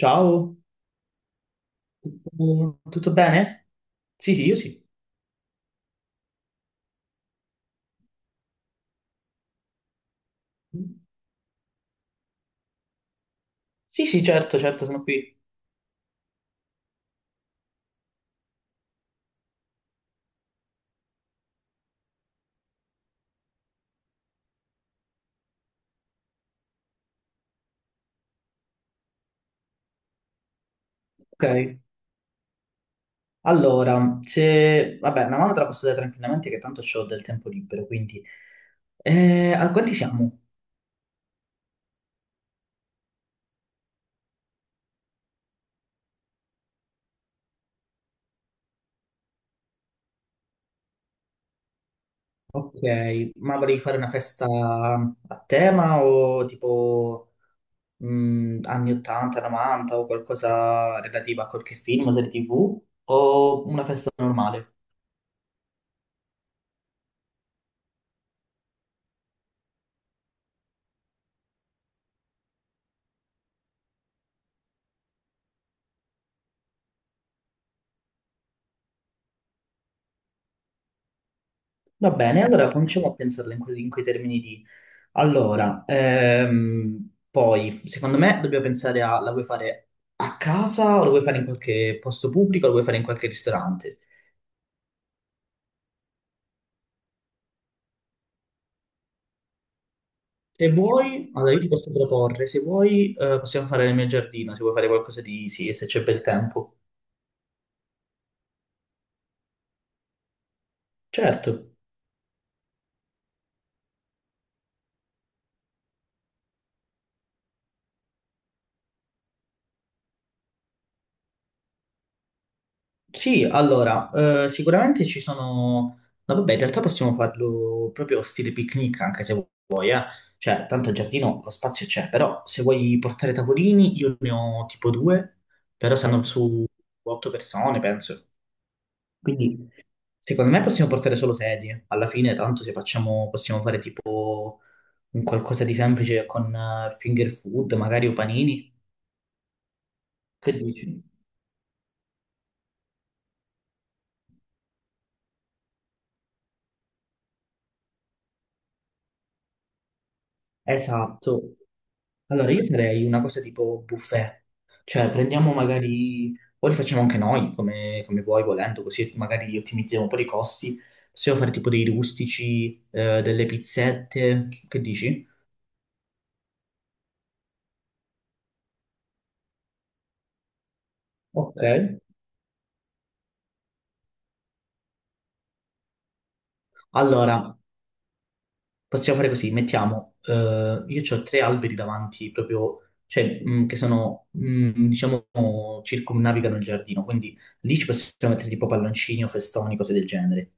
Ciao, tutto bene? Sì, sì, io sì. Sì, sì, certo, certo, sono qui. Ok, allora, se... Vabbè, una mano te la posso dare tranquillamente che tanto ho del tempo libero, quindi... a quanti siamo? Ok, ma volevi fare una festa a tema o tipo anni 80, 90 o qualcosa relativo a qualche film o serie TV o una festa normale? Va bene, allora cominciamo a pensarla in, in quei termini lì. Allora, poi, secondo me dobbiamo pensare a, la vuoi fare a casa o la vuoi fare in qualche posto pubblico o la vuoi fare in qualche ristorante? Se vuoi, allora io ti posso proporre, se vuoi, possiamo fare nel mio giardino, se vuoi fare qualcosa di sì, se c'è bel tempo. Certo. Sì, allora, sicuramente ci sono... No, vabbè, in realtà possiamo farlo proprio stile picnic, anche se vuoi, eh. Cioè, tanto il giardino, lo spazio c'è, però se vuoi portare tavolini, io ne ho tipo due, però stanno Ok. su otto persone, penso. Quindi, secondo me possiamo portare solo sedie. Alla fine, tanto se facciamo, possiamo fare tipo un qualcosa di semplice con finger food, magari o panini. Che dici? Esatto. Allora, io farei una cosa tipo buffet, cioè prendiamo magari, o li facciamo anche noi, come, come vuoi, volendo, così magari ottimizziamo un po' i costi, possiamo fare tipo dei rustici, delle pizzette, che dici? Ok. Allora, possiamo fare così, mettiamo, io ho tre alberi davanti, proprio, cioè, che sono, diciamo, circumnavigano il giardino, quindi lì ci possiamo mettere tipo palloncini o festoni, cose del genere.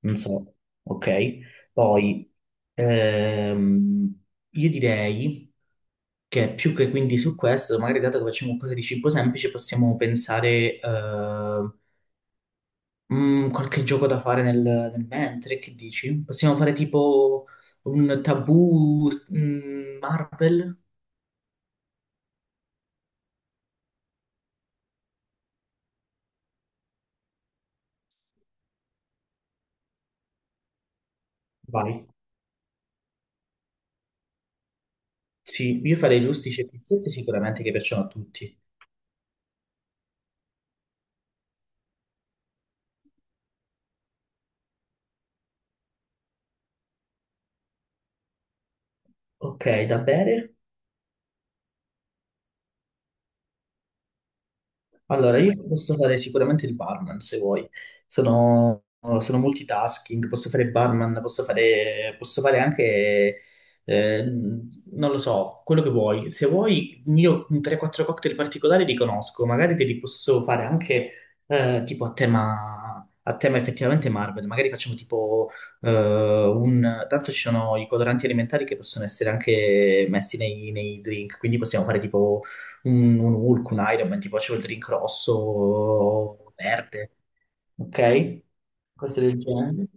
Non so, ok? Poi ehm, io direi che più che quindi su questo, magari dato che facciamo qualcosa di cibo semplice, possiamo pensare qualche gioco da fare nel mentre, che dici? Possiamo fare tipo un tabù Marvel? Vai. Sì, io farei rustici e pizzette sicuramente che piacciono a tutti. Ok, da bere? Allora, io posso fare sicuramente il barman se vuoi. Sono, sono multitasking, posso fare il barman, posso fare anche, non lo so, quello che vuoi. Se vuoi, io un 3-4 cocktail particolari li conosco, magari te li posso fare anche tipo a tema effettivamente Marvel. Magari facciamo tipo eh, un... Tanto ci sono i coloranti alimentari che possono essere anche messi nei drink, quindi possiamo fare tipo un Hulk, un Iron Man, tipo facevo il drink rosso, o verde, ok? Cose del genere.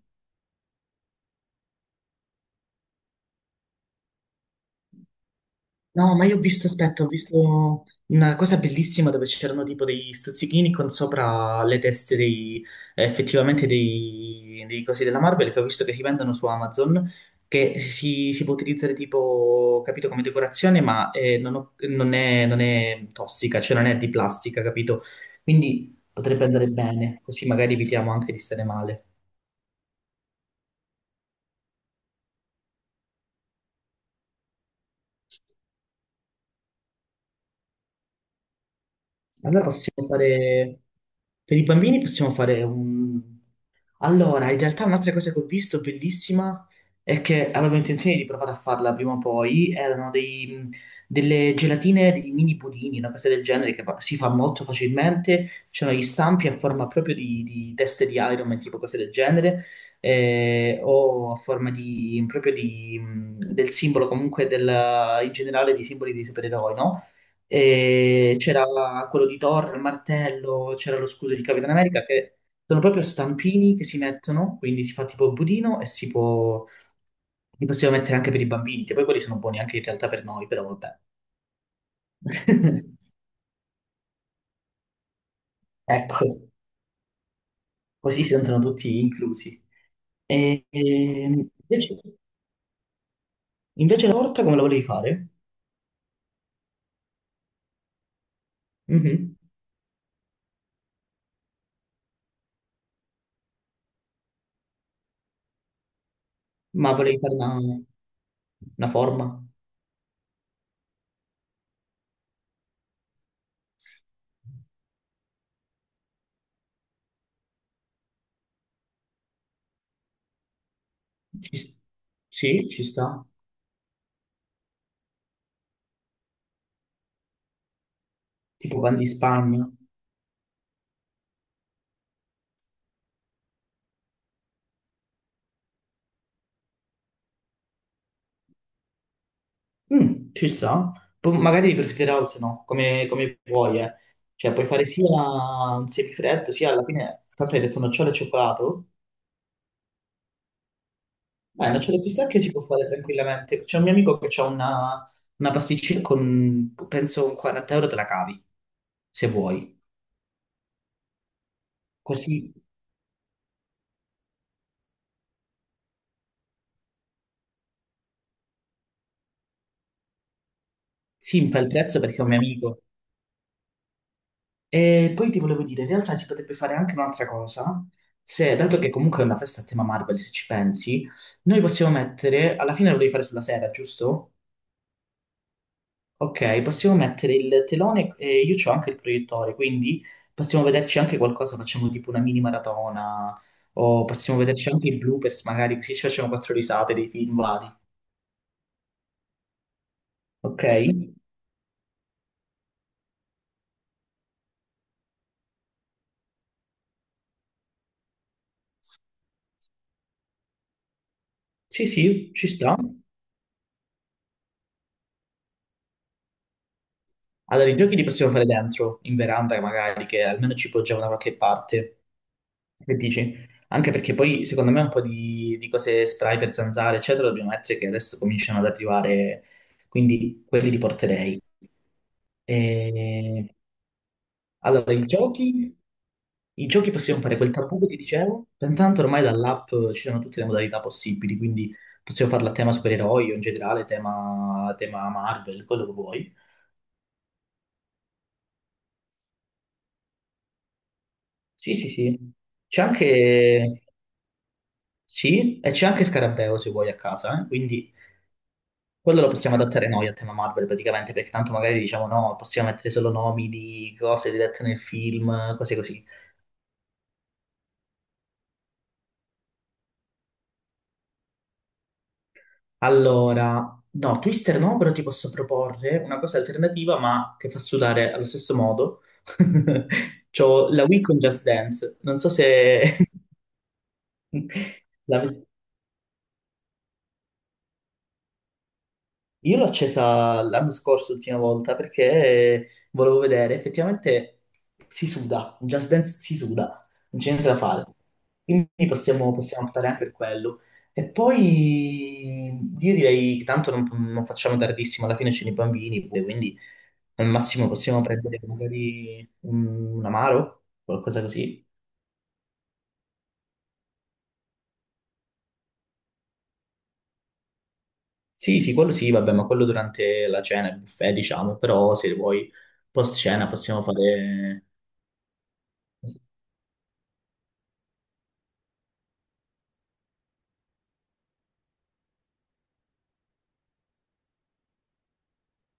No, ma io ho visto, aspetta, ho visto una cosa bellissima dove c'erano tipo degli stuzzichini con sopra le teste dei, effettivamente dei cosi della Marvel che ho visto che si vendono su Amazon, che si può utilizzare tipo, capito, come decorazione, ma non è, non è tossica, cioè non è di plastica, capito? Quindi potrebbe andare bene, così magari evitiamo anche di stare male. Allora possiamo fare, per i bambini possiamo fare un... Allora, in realtà un'altra cosa che ho visto bellissima è che avevo intenzione di provare a farla prima o poi, erano dei, delle gelatine, dei mini pudini, una cosa del genere che si fa molto facilmente, c'erano gli stampi a forma proprio di teste di Iron Man, tipo cose del genere, o a forma di, proprio di, del simbolo comunque del, in generale di simboli dei supereroi, no? E c'era quello di Thor, il martello, c'era lo scudo di Capitan America che sono proprio stampini che si mettono, quindi si fa tipo il budino e si può... Li possiamo mettere anche per i bambini, che poi quelli sono buoni anche in realtà per noi, però vabbè. Ecco, così si sentono tutti inclusi. E, invece la torta come la volevi fare? Mhm. Ma volevi fare una forma? Ci- sì, ci sta. Tipo pan di Spagna. Mm, ci sta. Poi magari per Fitter House no, come, come vuoi, eh. Cioè, puoi fare sia un semifreddo, sia alla fine, tanto hai detto nocciole e cioccolato. Beh, nocciole e pistacchio si può fare tranquillamente. C'è un mio amico che ha una pasticceria con, penso, un 40 euro te la cavi, se vuoi. Così si infla il prezzo perché è un mio amico. E poi ti volevo dire, in realtà si potrebbe fare anche un'altra cosa, se, dato che comunque è una festa a tema Marvel, se ci pensi, noi possiamo mettere, alla fine lo devi fare sulla sera, giusto? Ok, possiamo mettere il telone e io ho anche il proiettore, quindi possiamo vederci anche qualcosa, facciamo tipo una mini maratona o possiamo vederci anche i bloopers magari, così ci facciamo quattro risate dei film vari. Ok? Sì, sì, ci sta. Allora, i giochi li possiamo fare dentro, in veranda magari, che almeno ci poggiamo da qualche parte. Che dici? Anche perché poi secondo me un po' di cose spray per zanzare, eccetera, dobbiamo mettere che adesso cominciano ad arrivare, quindi quelli li porterei. E... Allora, i giochi possiamo fare quel tabù che ti dicevo, intanto ormai dall'app ci sono tutte le modalità possibili, quindi possiamo farla a tema supereroi o in generale tema, tema Marvel, quello che vuoi. Sì, sì, sì. C'è anche... Sì, e c'è anche Scarabeo se vuoi a casa, eh? Quindi quello lo possiamo adattare noi a tema Marvel praticamente, perché tanto magari diciamo no, possiamo mettere solo nomi di cose dirette nel film, cose così. Allora, no, Twister no, però ti posso proporre una cosa alternativa, ma che fa sudare allo stesso modo. C'ho la Wii con Just Dance, non so se... La... Io l'ho accesa l'anno scorso, l'ultima volta, perché volevo vedere, effettivamente si suda, in Just Dance si suda, non c'è niente da fare. Quindi possiamo optare anche per quello. E poi io direi che tanto non, non facciamo tardissimo, alla fine c'è i bambini, quindi al massimo possiamo prendere magari un amaro, qualcosa così. Sì, sì, quello sì, vabbè, ma quello durante la cena, il buffet, diciamo, però se vuoi post cena possiamo fare...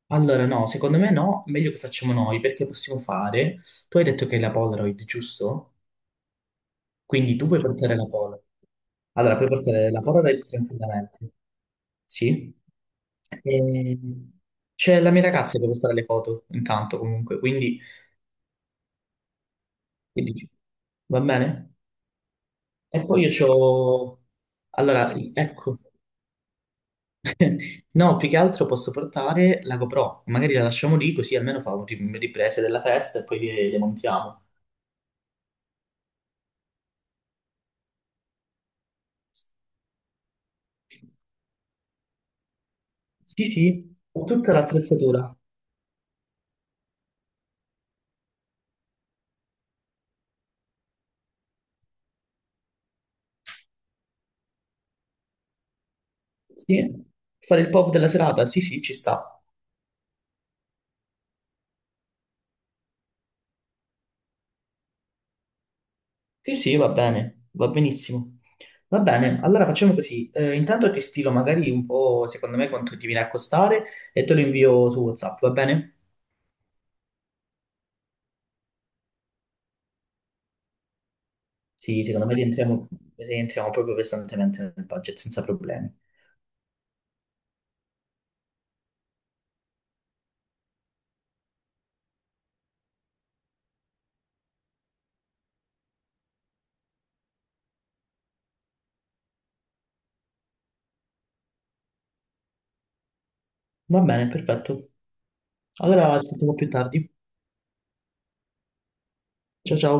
Allora, no, secondo me no, meglio che facciamo noi, perché possiamo fare... Tu hai detto che hai la Polaroid, giusto? Quindi tu puoi portare la Polaroid. Allora, puoi portare la Polaroid tranquillamente. Sì. E... C'è la mia ragazza che può fare le foto, intanto, comunque, quindi... Che dici? Va bene? E poi io c'ho... Allora, ecco. No, più che altro posso portare la GoPro. Magari la lasciamo lì, così almeno fa un riprese della festa e poi le montiamo. Sì, sì, ho tutta l'attrezzatura. Sì, fare il pop della serata. Sì, sì, ci sta. Sì, sì, va bene, va benissimo. Va bene, allora facciamo così. Intanto ti stilo magari un po', secondo me, quanto ti viene a costare e te lo invio su WhatsApp, va bene? Sì, secondo me rientriamo proprio pesantemente nel budget, senza problemi. Va bene, perfetto. Allora, ci sentiamo più tardi. Ciao ciao.